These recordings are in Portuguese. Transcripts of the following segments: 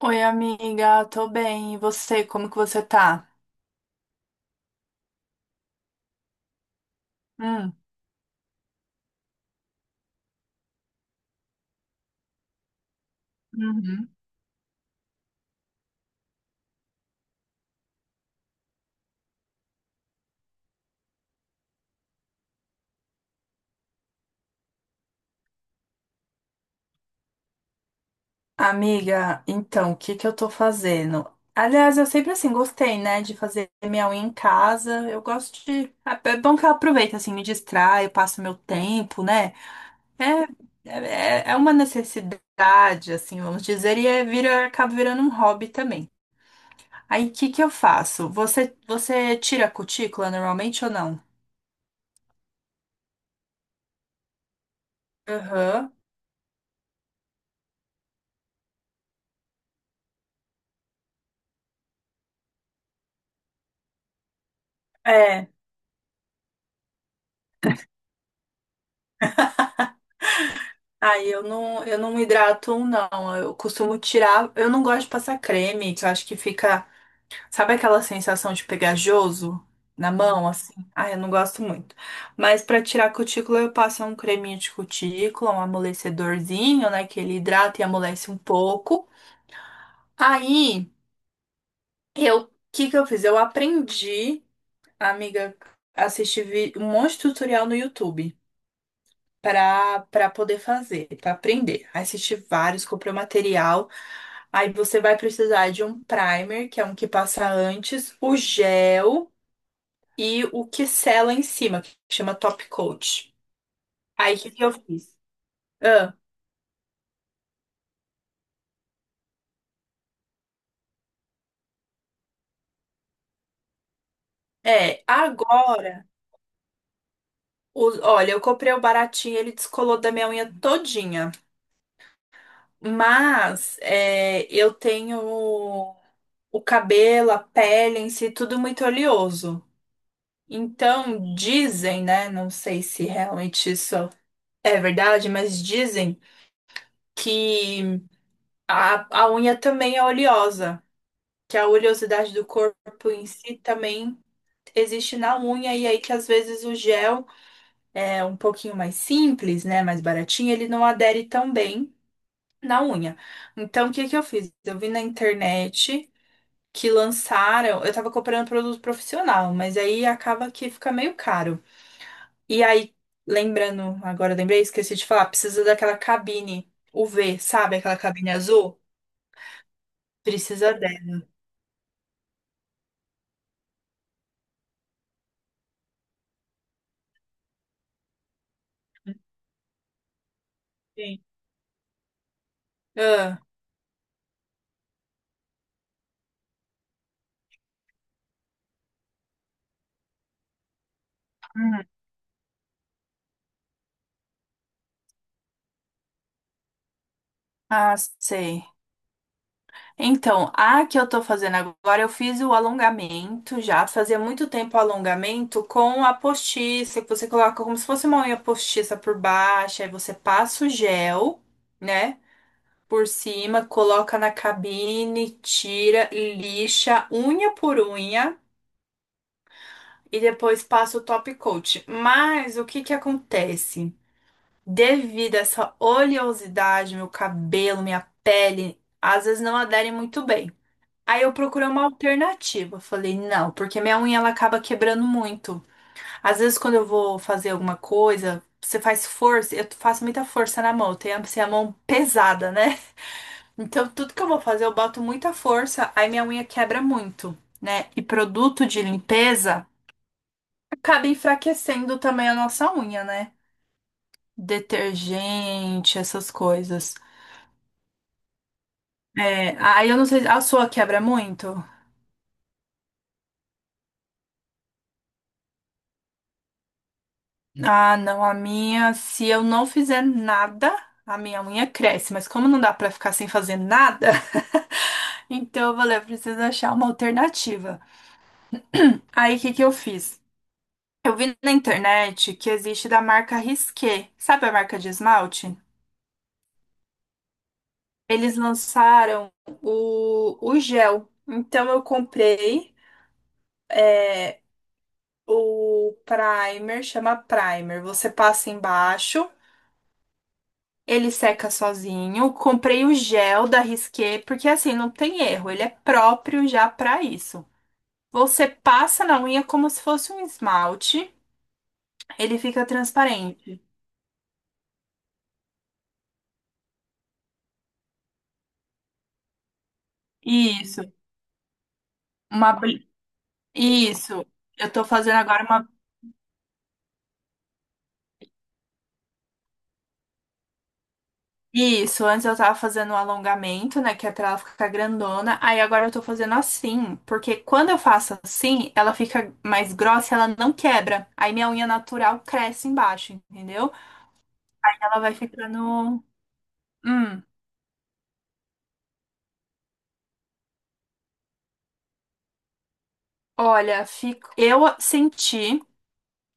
Oi, amiga, tô bem. E você, como que você tá? Hum, amiga, então, o que que eu tô fazendo? Aliás, eu sempre assim gostei, né, de fazer minha unha em casa. Eu gosto. É bom que eu aproveito, assim, me distraio, passo meu tempo, né? É, é, é uma necessidade, assim, vamos dizer, e é, vira, acaba virando um hobby também. Aí, o que que eu faço? Você tira a cutícula normalmente ou não? Aham. É. Ai, eu não me hidrato, não. Eu costumo tirar. Eu não gosto de passar creme, que eu acho que fica. Sabe aquela sensação de pegajoso na mão, assim? Ai, eu não gosto muito. Mas pra tirar cutícula, eu passo um creminho de cutícula, um amolecedorzinho, né? Que ele hidrata e amolece um pouco. Aí, eu. O que que eu fiz? Eu aprendi, amiga, um monte de tutorial no YouTube. Para poder fazer, para aprender. Aí assisti vários, comprei o material. Aí você vai precisar de um primer, que é um que passa antes, o gel e o que sela em cima, que chama top coat. Aí o que que eu fiz? Ah, é, agora, olha, eu comprei o baratinho, ele descolou da minha unha todinha. Mas é, eu tenho o cabelo, a pele em si, tudo muito oleoso. Então, dizem, né? Não sei se realmente isso é verdade, mas dizem que a unha também é oleosa, que a oleosidade do corpo em si também existe na unha, e aí que às vezes o gel é um pouquinho mais simples, né? Mais baratinho, ele não adere tão bem na unha. Então, o que que eu fiz? Eu vi na internet. Que lançaram, eu tava comprando produto profissional, mas aí acaba que fica meio caro. E aí, lembrando, agora eu lembrei, esqueci de falar, precisa daquela cabine UV, sabe? Aquela cabine azul? Precisa dela. Sim. Ah, Uhum. Sei. Então, a que eu tô fazendo agora, eu fiz o alongamento já. Fazia muito tempo o alongamento com a postiça, que você coloca como se fosse uma unha postiça por baixo, aí você passa o gel, né? Por cima, coloca na cabine, tira, lixa, unha por unha. E depois passa o top coat. Mas o que que acontece? Devido a essa oleosidade, meu cabelo, minha pele, às vezes não aderem muito bem. Aí eu procurei uma alternativa. Falei, não, porque minha unha ela acaba quebrando muito. Às vezes quando eu vou fazer alguma coisa, você faz força, eu faço muita força na mão, eu tenho assim, a mão pesada, né? Então tudo que eu vou fazer, eu boto muita força, aí minha unha quebra muito, né? E produto de limpeza acaba enfraquecendo também a nossa unha, né? Detergente, essas coisas. É, aí eu não sei, a sua quebra muito? Ah, não, a minha, se eu não fizer nada, a minha unha cresce, mas como não dá pra ficar sem fazer nada, então eu falei, eu preciso achar uma alternativa. Aí o que que eu fiz? Eu vi na internet que existe da marca Risqué, sabe a marca de esmalte? Eles lançaram o gel. Então eu comprei. é, O primer chama primer. Você passa embaixo, ele seca sozinho. Comprei o gel da Risqué, porque assim não tem erro, ele é próprio já para isso. Você passa na unha como se fosse um esmalte, ele fica transparente. Isso, uma bli- isso. Eu tô fazendo agora uma Isso, antes eu tava fazendo um alongamento, né, que é pra ela ficar grandona. Aí agora eu tô fazendo assim, porque quando eu faço assim, ela fica mais grossa, e ela não quebra. Aí minha unha natural cresce embaixo, entendeu? Ela vai ficando. Hum, olha, fico... eu senti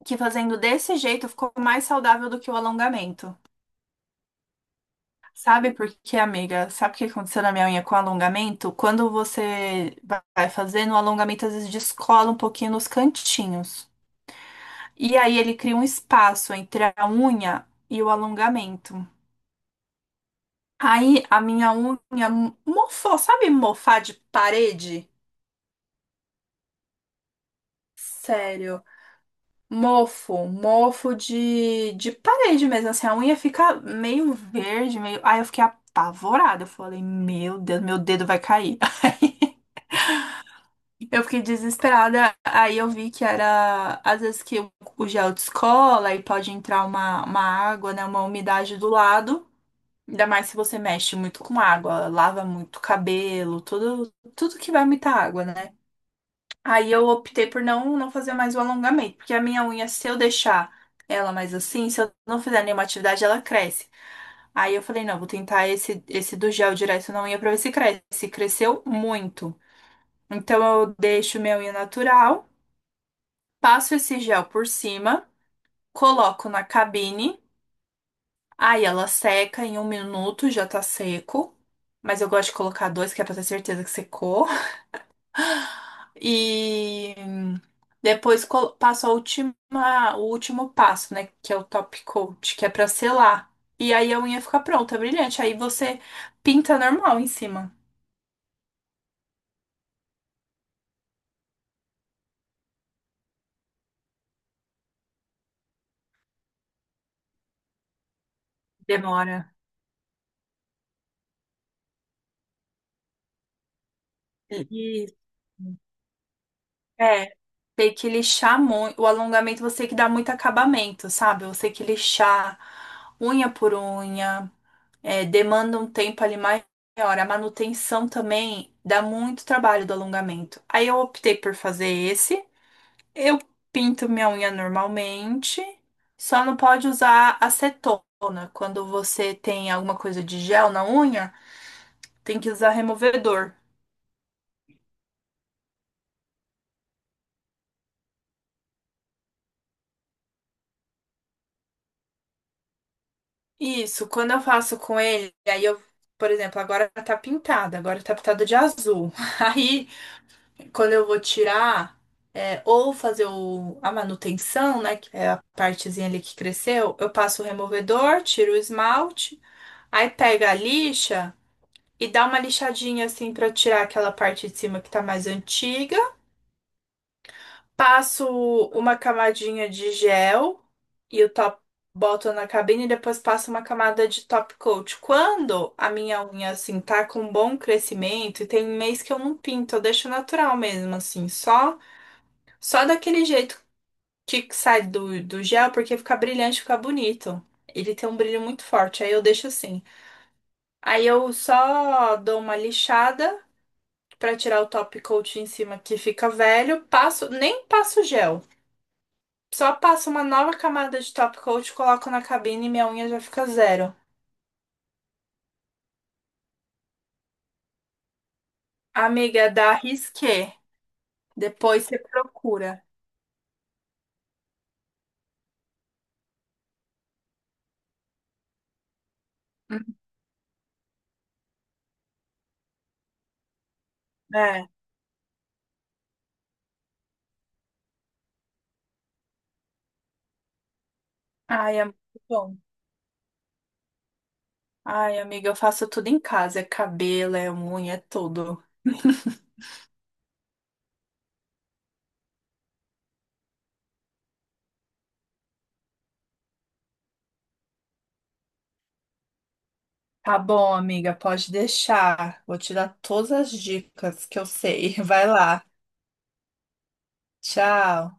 que fazendo desse jeito ficou mais saudável do que o alongamento. Sabe por quê, amiga? Sabe o que aconteceu na minha unha com o alongamento? Quando você vai fazendo, o alongamento às vezes descola um pouquinho nos cantinhos. E aí ele cria um espaço entre a unha e o alongamento. Aí a minha unha mofou, sabe mofar de parede? Sério, mofo, mofo de parede mesmo, assim, a unha fica meio verde, meio... Aí eu fiquei apavorada, eu falei, meu Deus, meu dedo vai cair. Eu fiquei desesperada, aí eu vi que era, às vezes que o gel descola e pode entrar uma água, né, uma umidade do lado, Ainda mais se você mexe muito com água, lava muito o cabelo, tudo, tudo que vai muita água, né? Aí eu optei por não fazer mais o alongamento, porque a minha unha, se eu deixar ela mais assim, se eu não fizer nenhuma atividade, ela cresce. Aí eu falei, não, vou tentar esse do gel direto na unha pra ver se cresce. Cresceu muito. Então eu deixo minha unha natural, passo esse gel por cima, coloco na cabine. Aí ela seca em um minuto, já tá seco. Mas eu gosto de colocar dois, que é pra ter certeza que secou. E depois passo a última, o último passo, né? Que é o top coat, que é pra selar. E aí a unha fica pronta, brilhante. Aí você pinta normal em cima. Demora. e- é, tem que lixar muito. O alongamento você tem que dar muito acabamento, sabe? Você tem que lixar unha por unha. É, demanda um tempo ali maior. A manutenção também dá muito trabalho do alongamento. Aí eu optei por fazer esse. Eu pinto minha unha normalmente, só não pode usar acetona. Quando você tem alguma coisa de gel na unha, tem que usar removedor. Isso, quando eu faço com ele, aí eu, por exemplo, agora tá pintada de azul. Aí quando eu vou tirar, é, ou fazer a manutenção, né? Que é a partezinha ali que cresceu, eu passo o removedor, tiro o esmalte, aí pega a lixa e dá uma lixadinha assim pra tirar aquela parte de cima que tá mais antiga. Passo uma camadinha de gel e o top. Boto na cabine e depois passo uma camada de top coat. Quando a minha unha, assim, tá com bom crescimento, e tem mês que eu não pinto, eu deixo natural mesmo, assim, só daquele jeito que sai do gel, porque fica brilhante, fica bonito. Ele tem um brilho muito forte, aí eu deixo assim. Aí eu só dou uma lixada pra tirar o top coat em cima que fica velho, passo, nem passo gel. Só passo uma nova camada de top coat, coloco na cabine e minha unha já fica zero. Amiga, da Risqué. Depois você procura. Hum, É. Ai, é muito bom. Ai, amiga, eu faço tudo em casa. É cabelo, é unha, é tudo. Tá bom, amiga, pode deixar. Vou te dar todas as dicas que eu sei. Vai lá. Tchau.